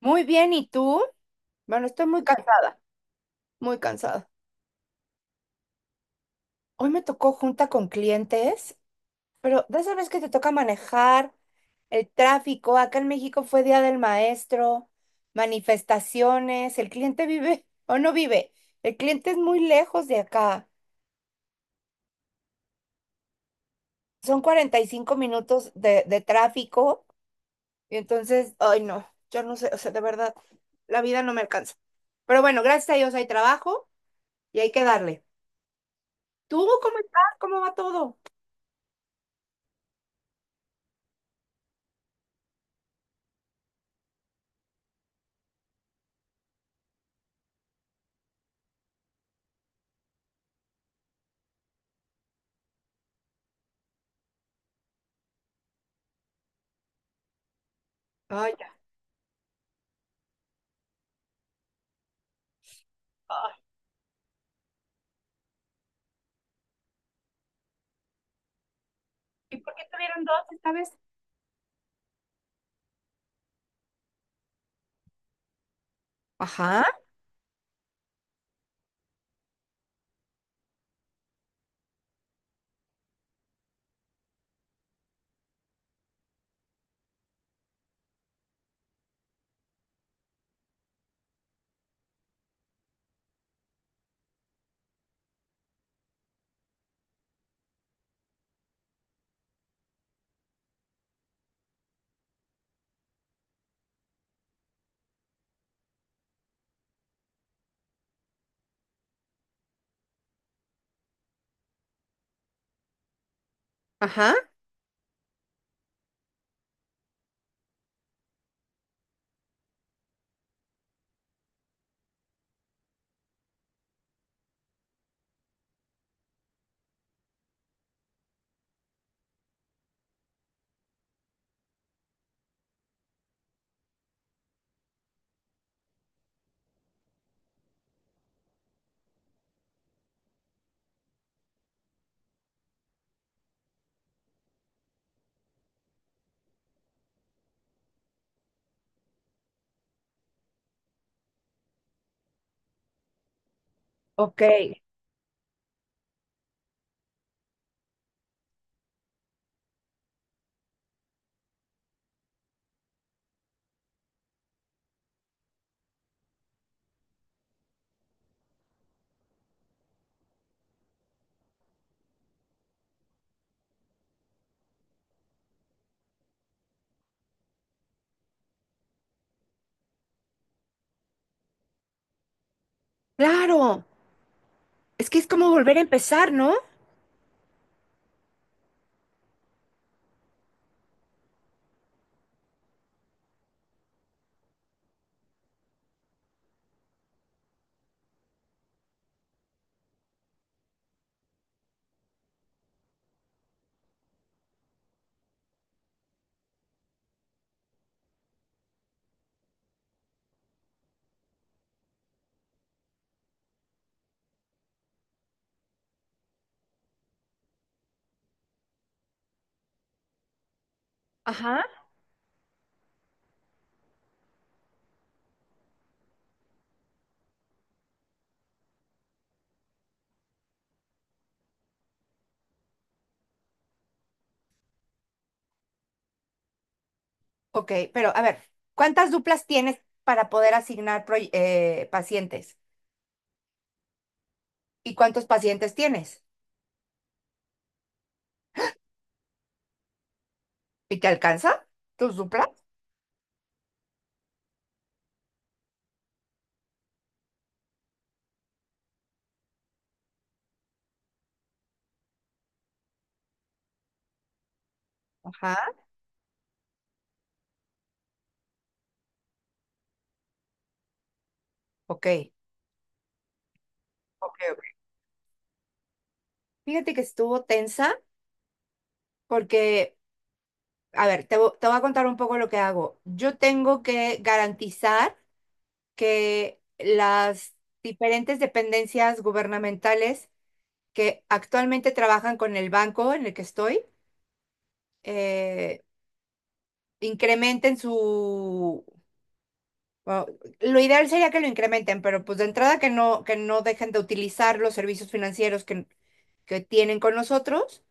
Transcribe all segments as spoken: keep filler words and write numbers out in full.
Muy bien, ¿y tú? Bueno, estoy muy cansada, muy cansada. Hoy me tocó junta con clientes, pero de esa vez que te toca manejar el tráfico, acá en México fue Día del Maestro, manifestaciones, el cliente vive o no vive, el cliente es muy lejos de acá, son cuarenta y cinco minutos de, de tráfico y entonces, ay no, yo no sé, o sea, de verdad, la vida no me alcanza. Pero bueno, gracias a Dios hay trabajo y hay que darle. ¿Tú cómo estás? ¿Cómo va todo? Ay, ya. ay. ¿Y por qué tuvieron dos esta vez? Ajá, ajá. Ok. Claro, es que es como volver a empezar, ¿no? Ajá. Ok, pero a ver, ¿cuántas duplas tienes para poder asignar proy- eh, pacientes? ¿Y cuántos pacientes tienes? ¿Y te alcanza tus duplas? Ajá, ok, ok, ok. Fíjate que estuvo tensa porque, a ver, te, vo- te voy a contar un poco lo que hago. Yo tengo que garantizar que las diferentes dependencias gubernamentales que actualmente trabajan con el banco en el que estoy, eh, incrementen su... bueno, lo ideal sería que lo incrementen, pero pues de entrada que no, que no dejen de utilizar los servicios financieros que, que tienen con nosotros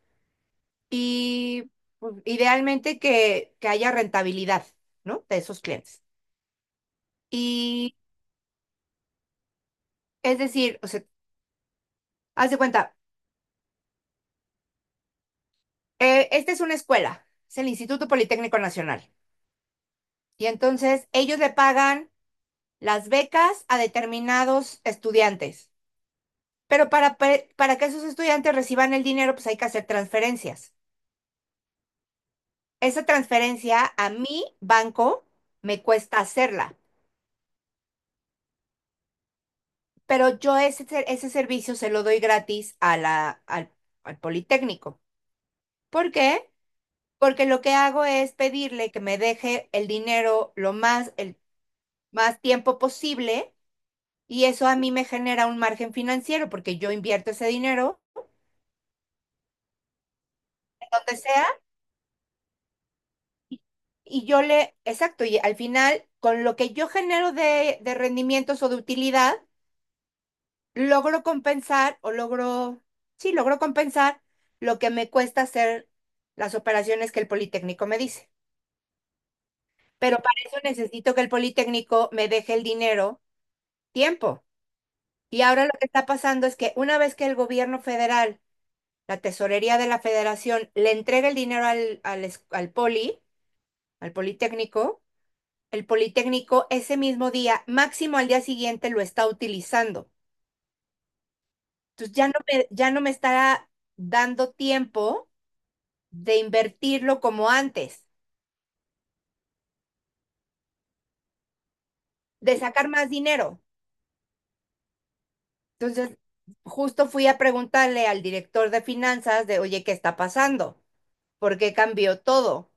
y pues, idealmente que, que haya rentabilidad, ¿no? De esos clientes. Y es decir, o sea, haz de cuenta, Eh, esta es una escuela, es el Instituto Politécnico Nacional. Y entonces ellos le pagan las becas a determinados estudiantes. Pero para, pe- para que esos estudiantes reciban el dinero, pues hay que hacer transferencias. Esa transferencia a mi banco me cuesta hacerla, pero yo ese, ser- ese servicio se lo doy gratis a la, al, al Politécnico. ¿Por qué? Porque lo que hago es pedirle que me deje el dinero lo más, el más tiempo posible. Y eso a mí me genera un margen financiero porque yo invierto ese dinero donde sea y yo le, exacto, y al final con lo que yo genero de, de rendimientos o de utilidad, logro compensar o logro, sí, logro compensar lo que me cuesta hacer las operaciones que el Politécnico me dice. Pero para eso necesito que el Politécnico me deje el dinero tiempo. Y ahora lo que está pasando es que una vez que el gobierno federal, la tesorería de la federación, le entrega el dinero al, al, es- al Poli, al Politécnico, el Politécnico ese mismo día, máximo al día siguiente, lo está utilizando. Entonces ya no me, ya no me estará dando tiempo de invertirlo como antes, de sacar más dinero. Entonces, justo fui a preguntarle al director de finanzas de, oye, ¿qué está pasando? ¿Por qué cambió todo?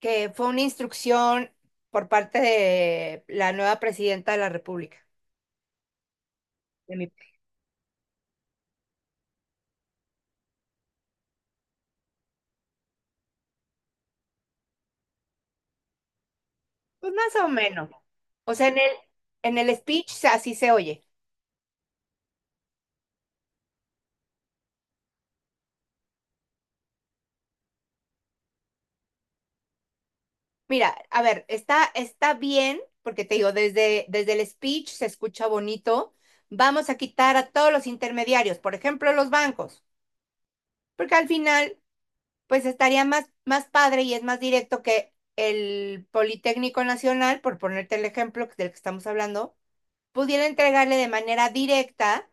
Que fue una instrucción por parte de la nueva presidenta de la República. De mi Pues más o menos. O sea, en el, en el speech se- así se oye. Mira, a ver, está, está bien, porque te digo, desde, desde el speech se escucha bonito. Vamos a quitar a todos los intermediarios, por ejemplo, los bancos, porque al final, pues estaría más, más padre y es más directo que el Politécnico Nacional, por ponerte el ejemplo del que estamos hablando, pudiera entregarle de manera directa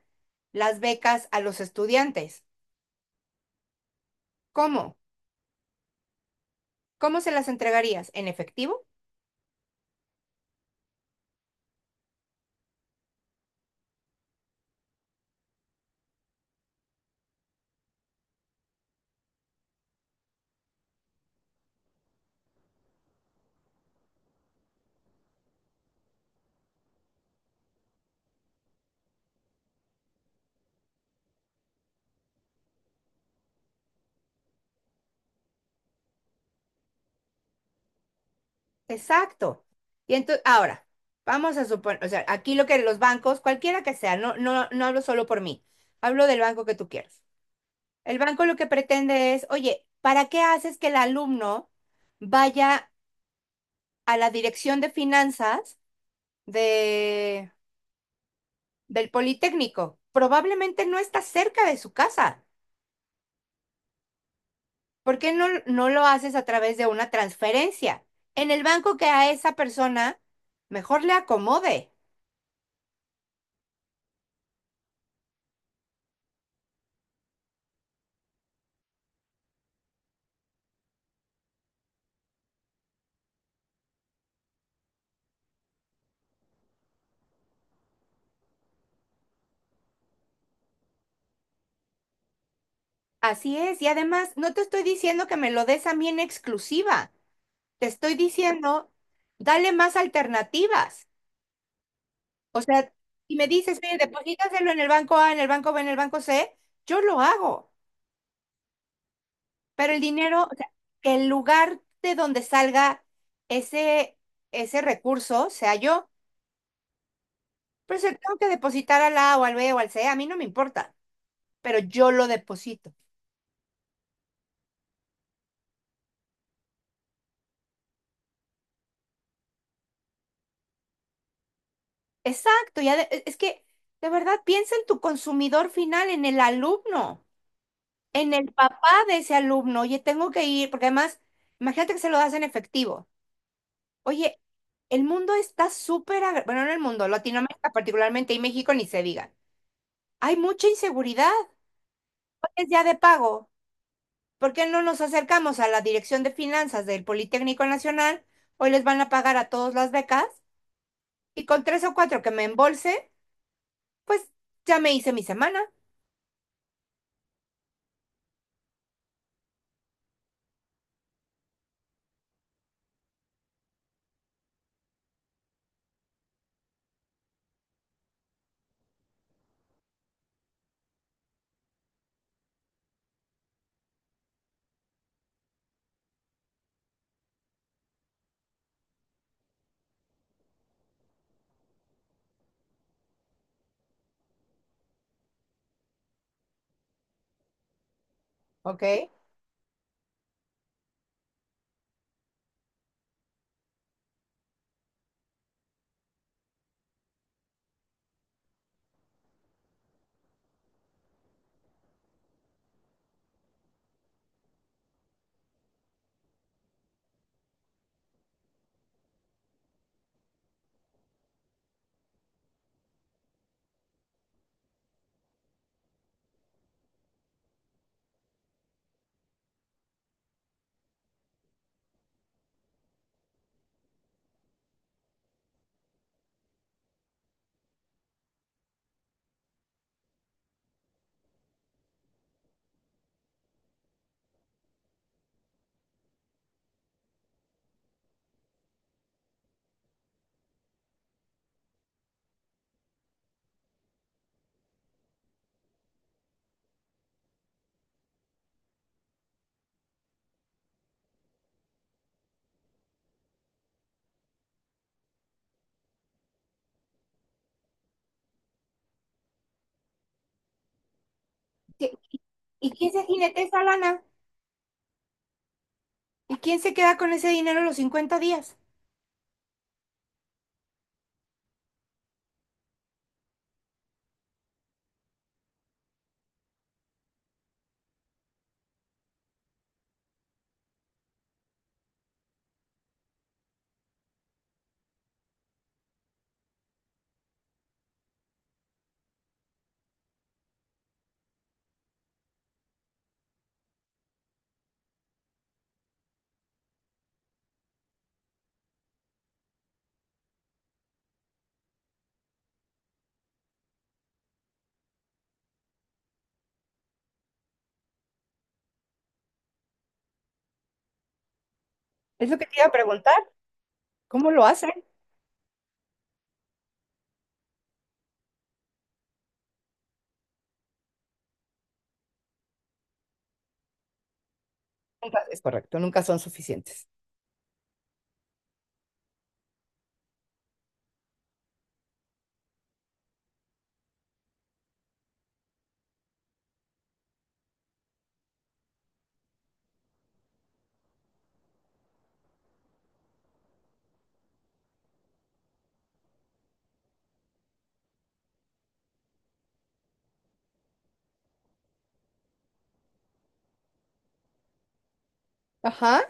las becas a los estudiantes. ¿Cómo? ¿Cómo se las entregarías? ¿En efectivo? Exacto. Y entonces, ahora, vamos a suponer, o sea, aquí lo que los bancos, cualquiera que sea, no, no, no hablo solo por mí, hablo del banco que tú quieras. El banco lo que pretende es, oye, ¿para qué haces que el alumno vaya a la dirección de finanzas de, del Politécnico? Probablemente no está cerca de su casa. ¿Por qué no, no lo haces a través de una transferencia? En el banco que a esa persona mejor le acomode. Así es, y además no te estoy diciendo que me lo des a mí en exclusiva, te estoy diciendo, dale más alternativas. O sea, si me dices, mire, deposítaselo en el banco A, en el banco B, en el banco C, yo lo hago, pero el dinero, o sea, que el lugar de donde salga ese, ese recurso sea yo, pero si tengo que depositar al A o al B o al C, a mí no me importa, pero yo lo deposito. Exacto, ya es que de verdad piensa en tu consumidor final, en el alumno, en el papá de ese alumno, oye, tengo que ir, porque además, imagínate que se lo das en efectivo. Oye, el mundo está súper, agra- bueno, no el mundo, Latinoamérica particularmente y México ni se diga. Hay mucha inseguridad. Es ya de pago. ¿Por qué no nos acercamos a la Dirección de Finanzas del Politécnico Nacional? Hoy les van a pagar a todos las becas y con tres o cuatro que me embolse, pues ya me hice mi semana. ¿Ok? ¿Y y quién se jinete esa lana? ¿Y quién se queda con ese dinero los cincuenta días? Es lo que te iba a preguntar. ¿Cómo lo hacen? Nunca- es correcto, nunca son suficientes. Ajá.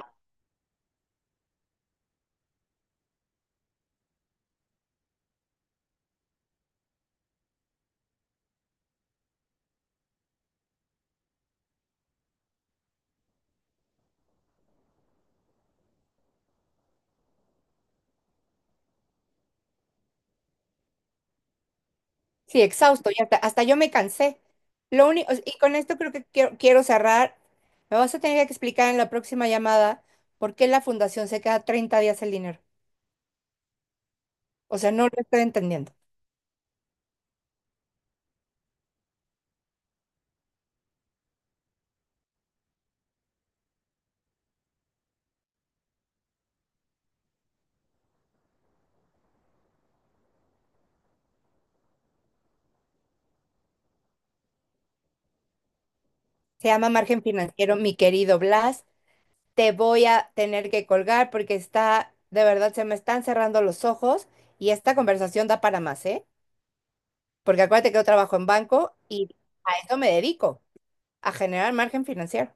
Sí, exhausto. Y hasta, hasta yo me cansé. Lo único, y con esto creo que quiero, quiero cerrar. Me vas a tener que explicar en la próxima llamada por qué la fundación se queda treinta días el dinero. O sea, no lo estoy entendiendo. Se llama margen financiero, mi querido Blas. Te voy a tener que colgar porque está, de verdad, se me están cerrando los ojos y esta conversación da para más, ¿eh? Porque acuérdate que yo trabajo en banco y a eso me dedico, a generar margen financiero.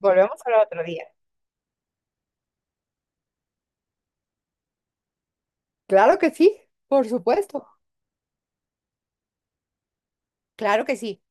Volvemos al otro día. Claro que sí, por supuesto. Claro que sí.